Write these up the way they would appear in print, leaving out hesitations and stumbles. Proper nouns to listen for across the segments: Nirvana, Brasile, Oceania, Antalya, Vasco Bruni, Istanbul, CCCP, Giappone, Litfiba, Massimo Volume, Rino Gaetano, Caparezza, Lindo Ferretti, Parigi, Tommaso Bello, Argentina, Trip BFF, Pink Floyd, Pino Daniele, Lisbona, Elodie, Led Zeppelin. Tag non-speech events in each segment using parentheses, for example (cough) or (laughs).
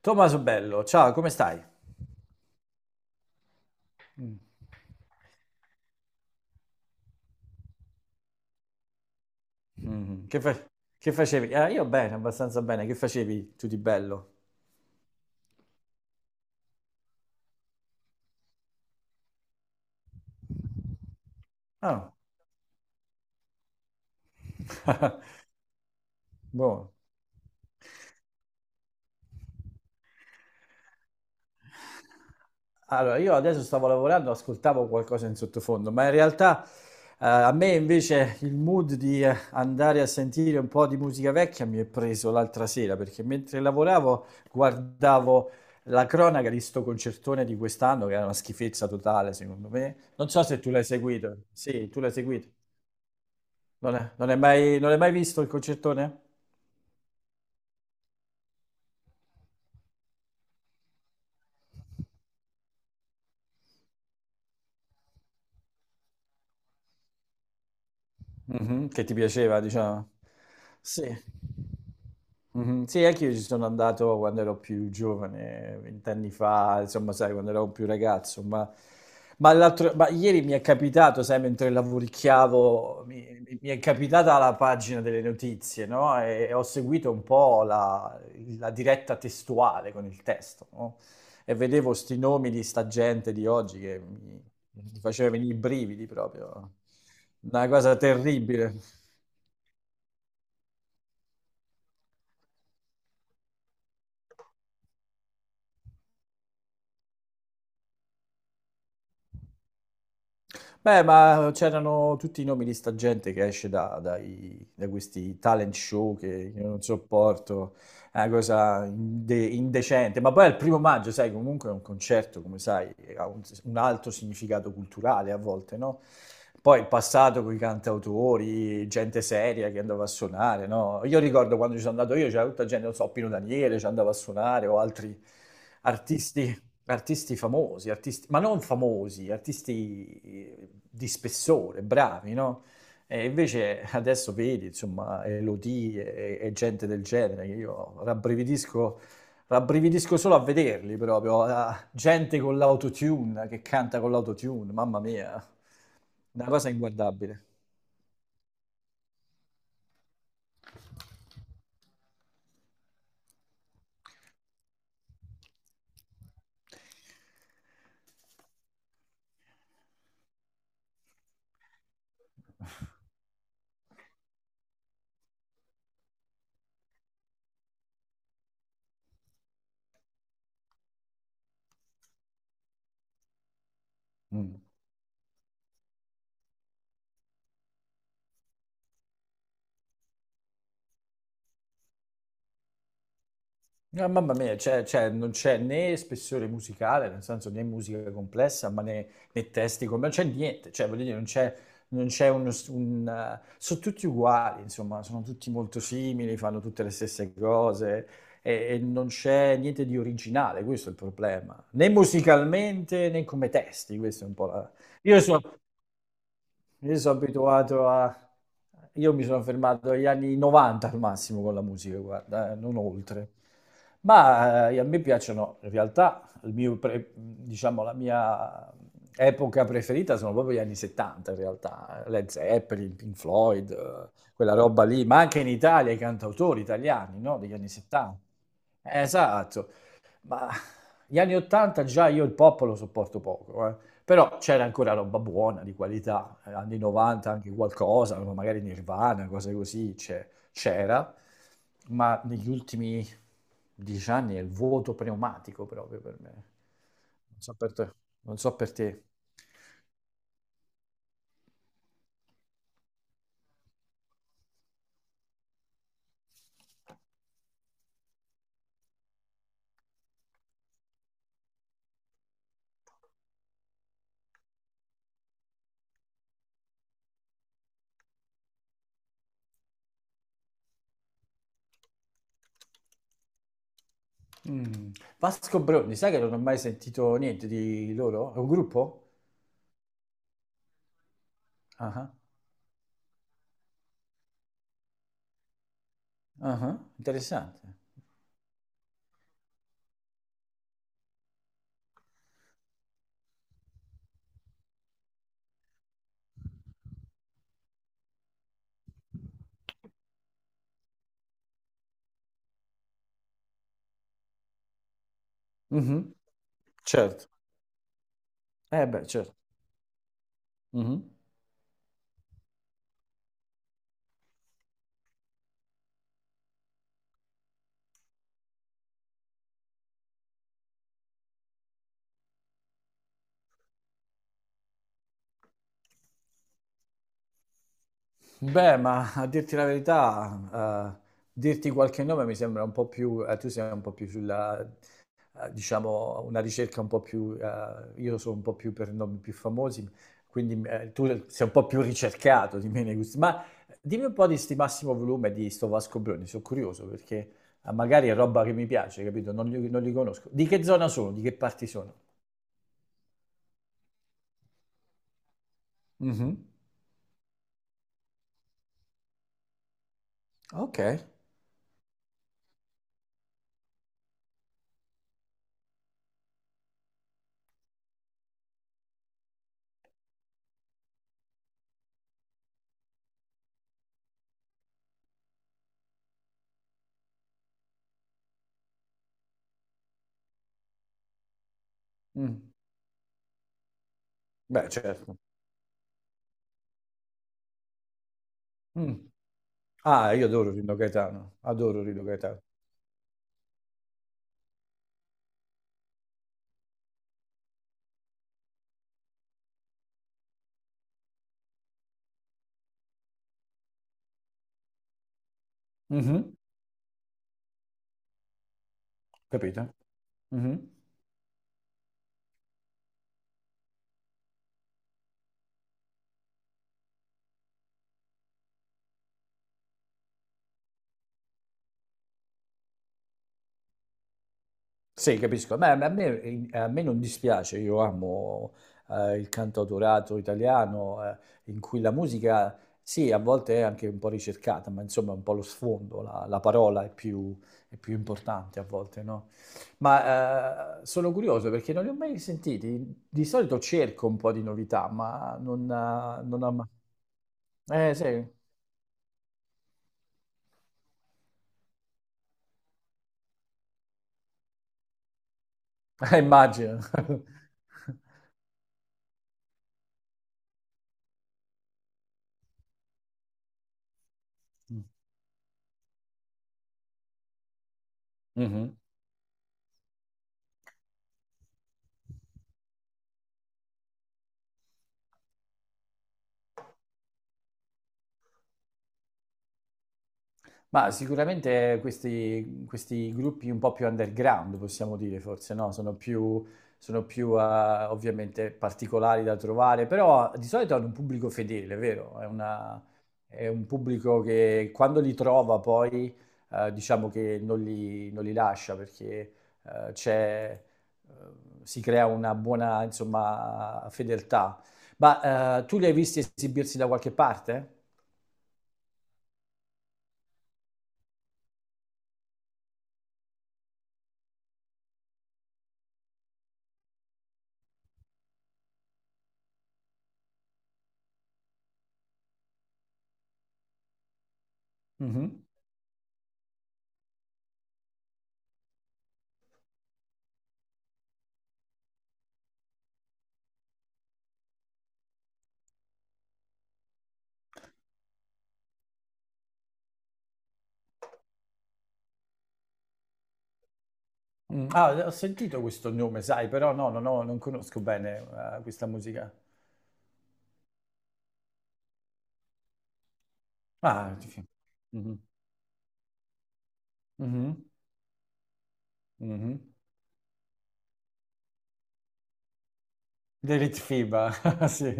Tommaso Bello, ciao, come stai? Mm, che, fa- che facevi? Io bene, abbastanza bene. Che facevi tu di bello? Ah, (laughs) buono. Allora, io adesso stavo lavorando, ascoltavo qualcosa in sottofondo, ma in realtà a me invece il mood di andare a sentire un po' di musica vecchia mi è preso l'altra sera, perché mentre lavoravo guardavo la cronaca di sto concertone di quest'anno, che era una schifezza totale, secondo me. Non so se tu l'hai seguito. Sì, tu l'hai seguito. Non hai mai, non hai mai visto il concertone? Mhm. Che ti piaceva, diciamo. Sì. Mhm. Sì, anche io ci sono andato quando ero più giovane, vent'anni fa, insomma, sai, quando ero più ragazzo, ma, ma ieri mi è capitato, sai, mentre lavoricchiavo, mi è capitata la pagina delle notizie, no? E ho seguito un po' la, la diretta testuale con il testo, no? E vedevo sti nomi di sta gente di oggi che mi mi faceva venire i brividi proprio. Una cosa terribile. Beh, ma c'erano tutti i nomi di sta gente che esce da questi talent show che io non sopporto, è una cosa indecente. Ma poi al primo maggio, sai, comunque è un concerto, come sai, ha un alto significato culturale a volte, no? Poi il passato con i cantautori, gente seria che andava a suonare, no? Io ricordo quando ci sono andato io, c'era tutta gente, non so, Pino Daniele ci andava a suonare o altri artisti famosi, artisti, ma non famosi, artisti di spessore, bravi, no? E invece adesso vedi, insomma, Elodie e gente del genere, che io rabbrividisco, rabbrividisco solo a vederli proprio, a- gente con l'autotune, che canta con l'autotune, mamma mia, una cosa inguardabile. Mm. No, mamma mia, cioè, non c'è né spessore musicale, nel senso né musica complessa, ma né testi, non c'è niente, cioè, voglio dire, non c'è, non c'è sono tutti uguali, insomma, sono tutti molto simili, fanno tutte le stesse cose e non c'è niente di originale, questo è il problema, né musicalmente né come testi, questo è un po' la... Io so- io sono abituato a... Io mi sono fermato agli anni 90 al massimo con la musica, guarda, non oltre. Ma a me piacciono, in realtà, diciamo, la mia epoca preferita sono proprio gli anni 70, in realtà. Led Zeppelin, Pink Floyd, quella roba lì, ma anche in Italia i cantautori italiani, no? Degli anni 70. Esatto. Ma gli anni 80 già io il pop lo sopporto poco, eh. Però c'era ancora roba buona, di qualità, anni 90 anche qualcosa, magari Nirvana, cose così, c'era, ma negli ultimi 10 anni è il vuoto pneumatico proprio per me. Non so per te. Non so per te. Mm. Vasco Bronni, sai che non ho mai sentito niente di loro? È un gruppo? Ah, ah, ah, interessante. Mhm. Certo. Eh beh, certo. Mhm. Beh, ma a dirti la verità, dirti qualche nome mi sembra un po' più, tu sei un po' più sulla, diciamo, una ricerca un po' più, io sono un po' più per nomi più famosi, quindi tu sei un po' più ricercato di me nei gusti. Ma dimmi un po' di sti Massimo Volume e di sto Vasco Bruni, sono curioso perché magari è roba che mi piace, capito? Non li conosco. Di che zona sono? Di che parti sono? Mhm. Ok. Mm. Beh, certo. Mm. Ah, io adoro Rino Gaetano, adoro Rino Gaetano. Mhm. Capito? Mhm. Sì, capisco. Beh, a me non dispiace, io amo il cantautorato italiano in cui la musica, sì, a volte è anche un po' ricercata, ma insomma è un po' lo sfondo, la parola è più importante a volte, no? Ma sono curioso perché non li ho mai sentiti. Di solito cerco un po' di novità, ma non, non ho mai... Eh sì, (laughs) immagino. (laughs) Mhm. Ma sicuramente questi gruppi un po' più underground, possiamo dire forse, no? Sono più ovviamente particolari da trovare, però di solito hanno un pubblico fedele, vero? È una- è un pubblico che quando li trova poi diciamo che non li lascia perché eh, c'è, eh, si crea una buona insomma fedeltà. Ma tu li hai visti esibirsi da qualche parte? Mhm. Mm. Ah, ho sentito questo nome, sai, però no, no, no, non conosco bene questa musica. Ah, sì. Mhm, mhm, mhm. The Litfiba, (laughs) sì.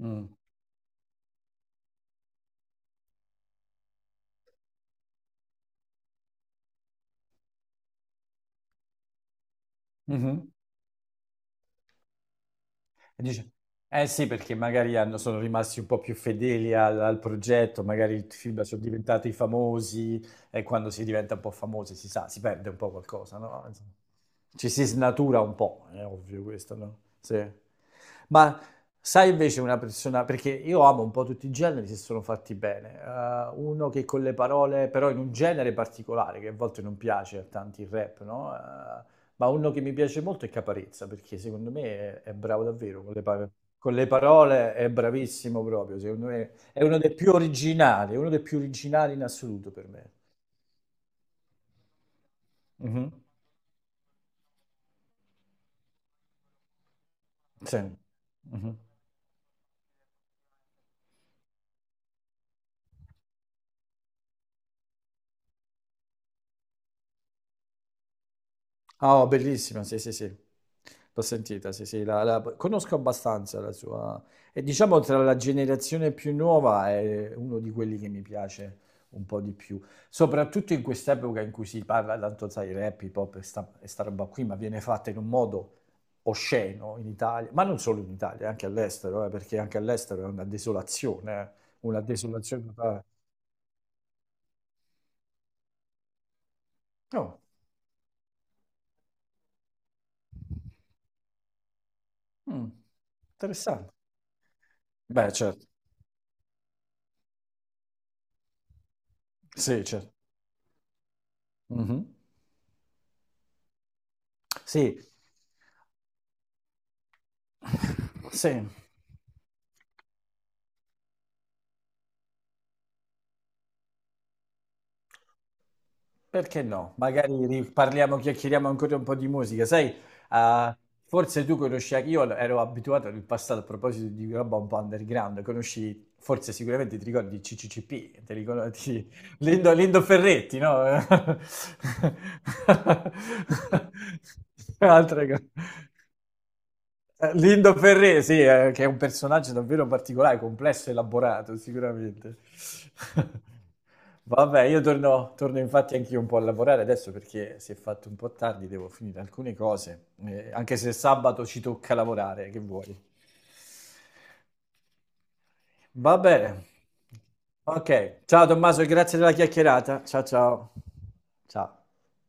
Mm, mhm. E dice, eh sì, perché sono rimasti un po' più fedeli al, al progetto, magari il film sono diventati famosi e quando si diventa un po' famosi si sa, si perde un po' qualcosa, no? Insomma, ci si snatura un po', è ovvio questo, no? Sì. Ma sai invece una persona, perché io amo un po' tutti i generi se sono fatti bene, uno che con le parole, però in un genere particolare, che a volte non piace a tanti il rap, no? Ma uno che mi piace molto è Caparezza, perché secondo me è bravo davvero, con le parole è bravissimo proprio, secondo me è uno dei più originali, è uno dei più originali in assoluto per me. Mhm. Sì. Mhm. Ah, oh, bellissima, sì, sì, sì. L'ho sentita, sì, sì, conosco abbastanza la sua... E diciamo tra la generazione più nuova è uno di quelli che mi piace un po' di più. Soprattutto in quest'epoca in cui si parla tanto, sai, rap, hip hop e sta roba qui, ma viene fatta in un modo osceno in Italia, ma non solo in Italia, anche all'estero, perché anche all'estero è una desolazione totale. Oh, mm, interessante. Beh, certo. Sì, certo. Mhm. Sì. Sì, perché no? Magari parliamo, chiacchieriamo ancora un po' di musica. Sai, ah, forse tu conosci, anche- io ero abituato nel passato a proposito di roba un po' underground, conosci, forse sicuramente ti ricordi i CCCP, te li con- ti- (laughs) Lindo, Lindo Ferretti, no? (laughs) Altra cosa. Lindo Ferré, sì, che è un personaggio davvero particolare, complesso e elaborato, sicuramente. (laughs) Vabbè, io torno, torno infatti anch'io un po' a lavorare adesso perché si è fatto un po' tardi, devo finire alcune cose, anche se sabato ci tocca lavorare, che vuoi. Va bene. Ok, ciao Tommaso, e grazie della chiacchierata. Ciao ciao. Ciao.